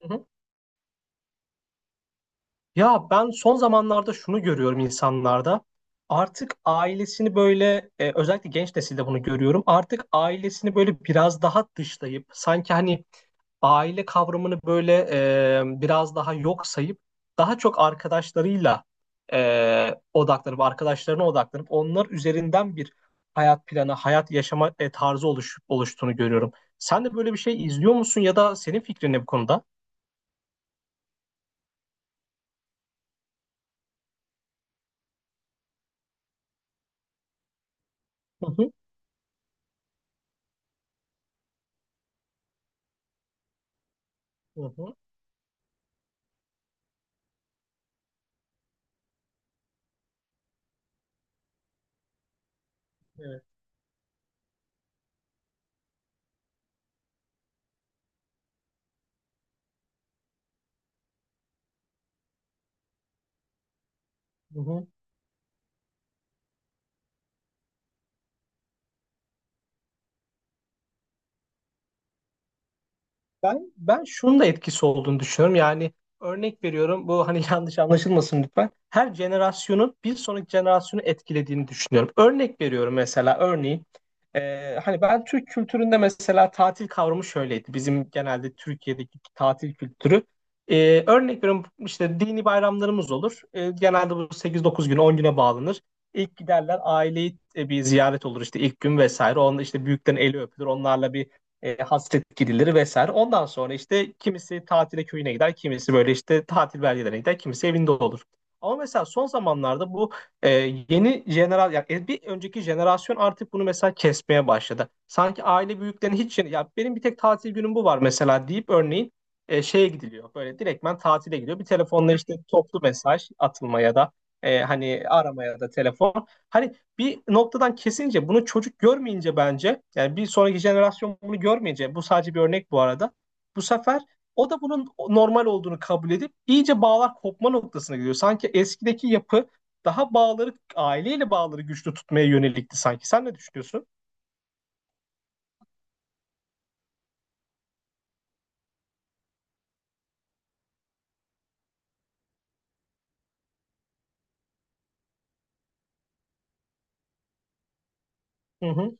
Hı hı. Ya ben son zamanlarda şunu görüyorum insanlarda. Artık ailesini böyle özellikle genç nesilde bunu görüyorum. Artık ailesini böyle biraz daha dışlayıp sanki hani aile kavramını böyle biraz daha yok sayıp daha çok arkadaşlarıyla odaklanıp arkadaşlarına odaklanıp onlar üzerinden bir hayat planı, hayat yaşama tarzı oluştuğunu görüyorum. Sen de böyle bir şey izliyor musun ya da senin fikrin ne bu konuda? Hı hı. Hı hı. Evet. Hı hı. Ben şunun da etkisi olduğunu düşünüyorum. Yani örnek veriyorum bu hani yanlış anlaşılmasın lütfen. Her jenerasyonun bir sonraki jenerasyonu etkilediğini düşünüyorum. Örnek veriyorum mesela örneğin hani ben Türk kültüründe mesela tatil kavramı şöyleydi. Bizim genelde Türkiye'deki tatil kültürü. Örnek veriyorum işte dini bayramlarımız olur. Genelde bu sekiz dokuz gün 10 güne bağlanır. İlk giderler aileyi bir ziyaret olur işte ilk gün vesaire. Onda işte büyüklerin eli öpülür. Onlarla bir hasret gidiliri vesaire. Ondan sonra işte kimisi tatile köyüne gider, kimisi böyle işte tatil beldelerine gider, kimisi evinde olur. Ama mesela son zamanlarda bu e, yeni jeneral yani bir önceki jenerasyon artık bunu mesela kesmeye başladı. Sanki aile büyüklerinin hiç ya benim bir tek tatil günüm bu var mesela deyip örneğin şeye gidiliyor. Böyle direktmen tatile gidiyor. Bir telefonla işte toplu mesaj atılmaya da hani aramaya da telefon. Hani bir noktadan kesince bunu çocuk görmeyince bence yani bir sonraki jenerasyon bunu görmeyince bu sadece bir örnek bu arada. Bu sefer o da bunun normal olduğunu kabul edip iyice bağlar kopma noktasına gidiyor. Sanki eskideki yapı daha bağları aileyle bağları güçlü tutmaya yönelikti sanki. Sen ne düşünüyorsun? Hı hı,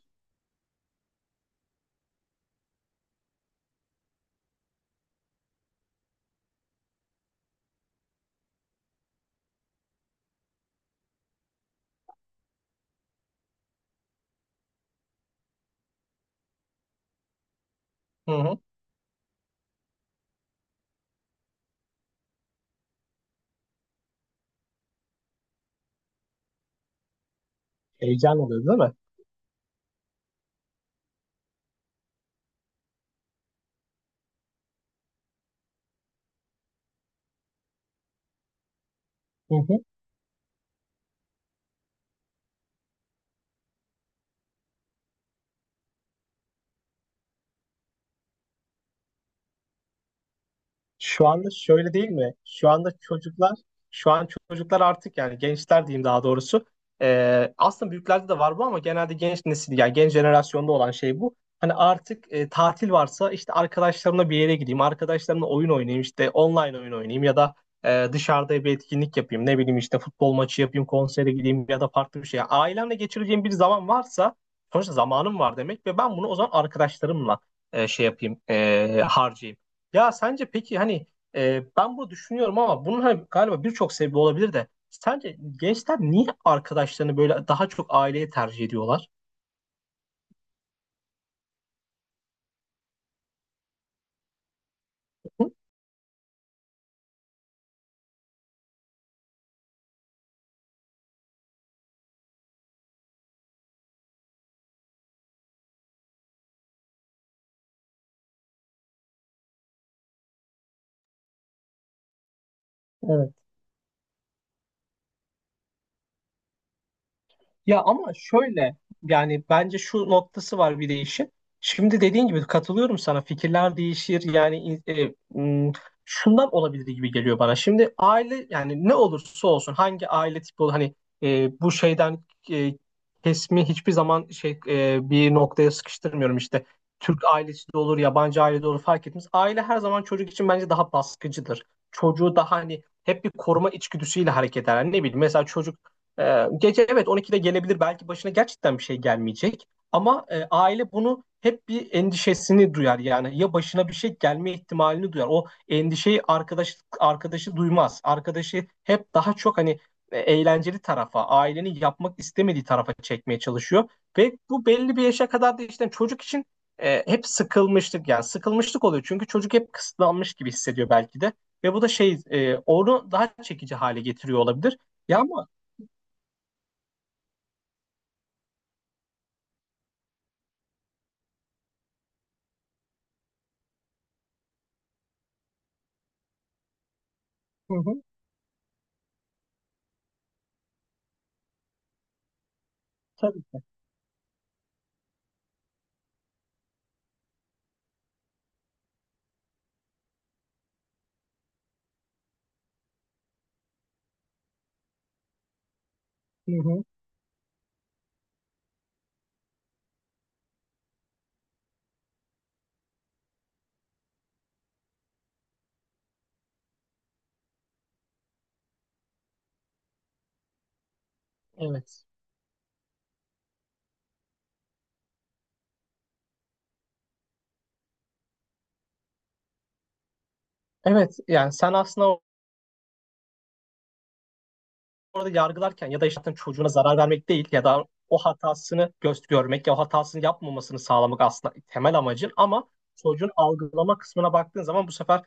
hı hı. Heyecan oluyor değil mi? Hı hı. Şu anda şöyle değil mi? Şu an çocuklar artık yani gençler diyeyim daha doğrusu. Aslında büyüklerde de var bu ama genelde genç nesil yani genç jenerasyonda olan şey bu. Hani artık tatil varsa işte arkadaşlarımla bir yere gideyim, arkadaşlarımla oyun oynayayım işte online oyun oynayayım ya da dışarıda bir etkinlik yapayım. Ne bileyim işte futbol maçı yapayım, konsere gideyim ya da farklı bir şey. Yani ailemle geçireceğim bir zaman varsa sonuçta zamanım var demek ve ben bunu o zaman arkadaşlarımla harcayayım. Ya sence peki hani ben bunu düşünüyorum ama bunun hani galiba birçok sebebi olabilir de sence gençler niye arkadaşlarını böyle daha çok aileye tercih ediyorlar? Evet. Ya ama şöyle yani bence şu noktası var bir de işin. Şimdi dediğin gibi katılıyorum sana fikirler değişir yani m, şundan olabilir gibi geliyor bana. Şimdi aile yani ne olursa olsun hangi aile tipi olur hani bu şeyden e, kesimi hiçbir zaman şey bir noktaya sıkıştırmıyorum işte. Türk ailesi de olur yabancı aile de olur fark etmez. Aile her zaman çocuk için bence daha baskıcıdır. Çocuğu daha hani hep bir koruma içgüdüsüyle hareket eder. Yani ne bileyim mesela çocuk gece evet 12'de gelebilir belki başına gerçekten bir şey gelmeyecek ama aile bunu hep bir endişesini duyar yani ya başına bir şey gelme ihtimalini duyar. O endişeyi arkadaşı duymaz. Arkadaşı hep daha çok hani eğlenceli tarafa, ailenin yapmak istemediği tarafa çekmeye çalışıyor ve bu belli bir yaşa kadar da işte çocuk için hep sıkılmışlık yani sıkılmışlık oluyor çünkü çocuk hep kısıtlanmış gibi hissediyor belki de ve bu da şey onu daha çekici hale getiriyor olabilir. Ya ama. Hı hı. Tabii. Hı hı. Evet. Evet yani sen aslında orada yargılarken ya da işte çocuğuna zarar vermek değil ya da o hatasını göz görmek ya o hatasını yapmamasını sağlamak aslında temel amacın ama çocuğun algılama kısmına baktığın zaman bu sefer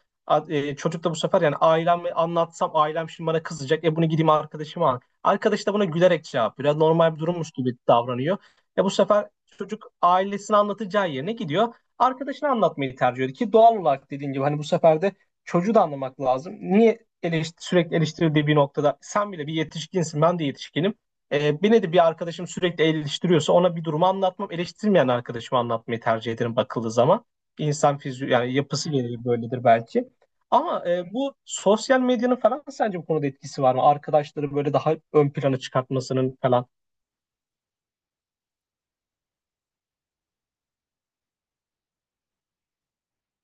çocuk da bu sefer yani ailemi anlatsam ailem şimdi bana kızacak. E bunu gideyim arkadaşıma al. Arkadaş da buna gülerek cevap veriyor. Normal bir durummuş gibi davranıyor. E bu sefer çocuk ailesini anlatacağı yerine gidiyor. Arkadaşını anlatmayı tercih ediyor ki doğal olarak dediğin gibi hani bu sefer de çocuğu da anlamak lazım. Niye sürekli eleştirildiği bir noktada sen bile bir yetişkinsin ben de yetişkinim. Beni de bir arkadaşım sürekli eleştiriyorsa ona bir durumu anlatmam eleştirmeyen arkadaşıma anlatmayı tercih ederim bakıldığı zaman. İnsan fizyoloji yani yapısı gereği böyledir belki. Ama bu sosyal medyanın falan sence bu konuda etkisi var mı? Arkadaşları böyle daha ön plana çıkartmasının falan.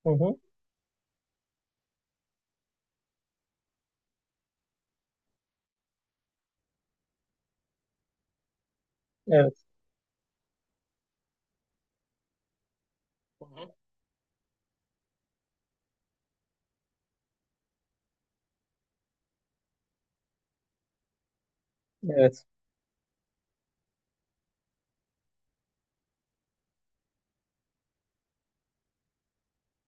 Hı hı. Evet. Hı hı. Evet.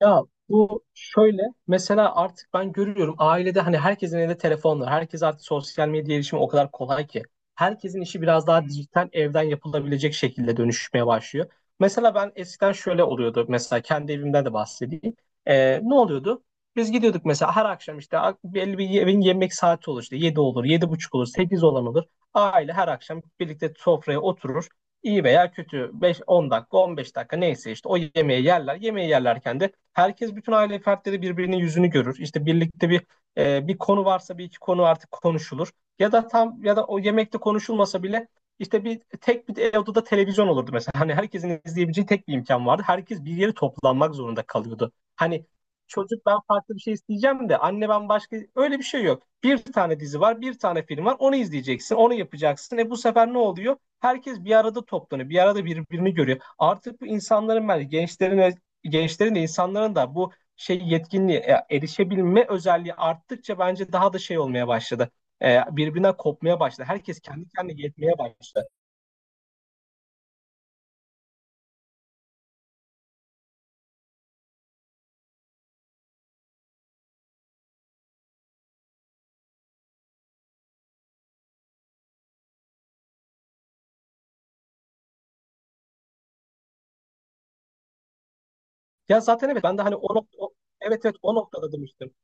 Ya bu şöyle mesela artık ben görüyorum ailede hani herkesin elinde telefon var. Herkes artık sosyal medya erişimi o kadar kolay ki. Herkesin işi biraz daha dijital evden yapılabilecek şekilde dönüşmeye başlıyor. Mesela ben eskiden şöyle oluyordu. Mesela kendi evimden de bahsedeyim. Ne oluyordu? Biz gidiyorduk mesela her akşam işte belli bir evin yemek saati olur işte 7 olur, 7:30 olur, 8 olan olur. Aile her akşam birlikte sofraya oturur. İyi veya kötü 5-10 dakika 15 dakika neyse işte o yemeği yerler. Yemeği yerlerken de herkes bütün aile fertleri birbirinin yüzünü görür. İşte birlikte bir konu varsa bir iki konu artık konuşulur. Ya da tam ya da o yemekte konuşulmasa bile işte bir tek bir odada televizyon olurdu mesela. Hani herkesin izleyebileceği tek bir imkan vardı. Herkes bir yere toplanmak zorunda kalıyordu. Hani çocuk ben farklı bir şey isteyeceğim de anne ben başka öyle bir şey yok. Bir tane dizi var, bir tane film var. Onu izleyeceksin, onu yapacaksın. E bu sefer ne oluyor? Herkes bir arada toplanıyor. Bir arada birbirini görüyor. Artık bu insanların ben gençlerin de insanların da bu şey yetkinliğe erişebilme özelliği arttıkça bence daha da şey olmaya başladı. E, birbirinden kopmaya başladı. Herkes kendi kendine yetmeye başladı. Ya zaten evet ben de hani o nokta, evet evet o noktada demiştim.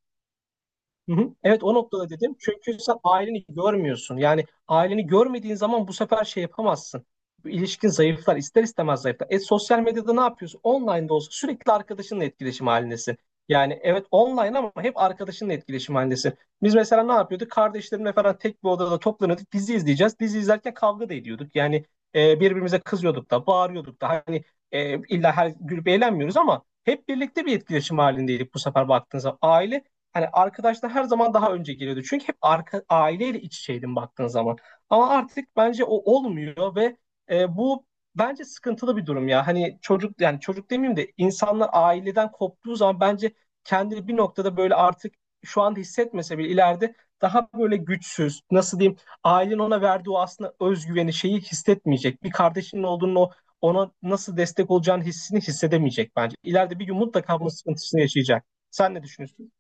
Hı hı. Evet o noktada dedim. Çünkü sen aileni görmüyorsun. Yani aileni görmediğin zaman bu sefer şey yapamazsın. Bu İlişkin zayıflar, ister istemez zayıflar. E sosyal medyada ne yapıyorsun? Online'da olsa sürekli arkadaşınla etkileşim halindesin. Yani evet online ama hep arkadaşınla etkileşim halindesin. Biz mesela ne yapıyorduk? Kardeşlerimle falan tek bir odada toplanıyorduk. Dizi izleyeceğiz. Dizi izlerken kavga da ediyorduk. Yani birbirimize kızıyorduk da, bağırıyorduk da. Hani illa her gülüp eğlenmiyoruz ama hep birlikte bir etkileşim halindeydik bu sefer baktığınız zaman. Hani arkadaşlar her zaman daha önce geliyordu. Çünkü hep aileyle iç içeydim baktığın zaman. Ama artık bence o olmuyor ve bu bence sıkıntılı bir durum ya. Hani çocuk yani çocuk demeyeyim de insanlar aileden koptuğu zaman bence kendini bir noktada böyle artık şu anda hissetmese bile ileride daha böyle güçsüz, nasıl diyeyim, ailenin ona verdiği o aslında özgüveni şeyi hissetmeyecek. Bir kardeşinin olduğunu ona nasıl destek olacağını hissini hissedemeyecek bence. İleride bir gün mutlaka bunun sıkıntısını yaşayacak. Sen ne düşünüyorsun?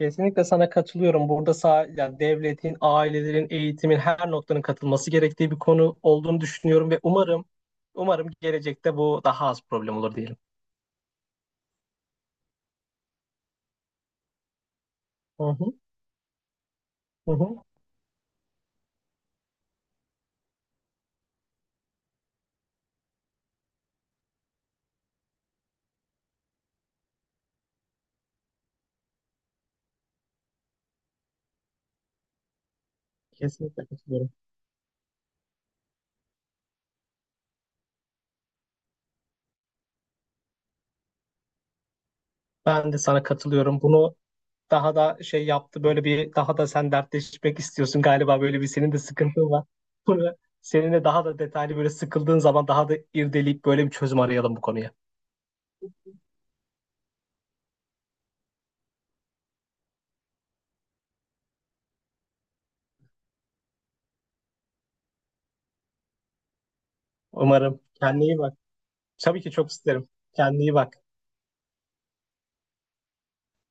Kesinlikle sana katılıyorum. Burada yani devletin, ailelerin, eğitimin her noktanın katılması gerektiği bir konu olduğunu düşünüyorum ve umarım gelecekte bu daha az problem olur diyelim. Hı hı, hı hı. Kesinlikle katılıyorum. Ben de sana katılıyorum. Bunu daha da şey yaptı böyle bir daha da sen dertleşmek istiyorsun galiba böyle bir senin de sıkıntın var. Bunu seninle daha da detaylı böyle sıkıldığın zaman daha da irdeleyip böyle bir çözüm arayalım bu konuya. Umarım. Kendine iyi bak. Tabii ki çok isterim. Kendine iyi bak.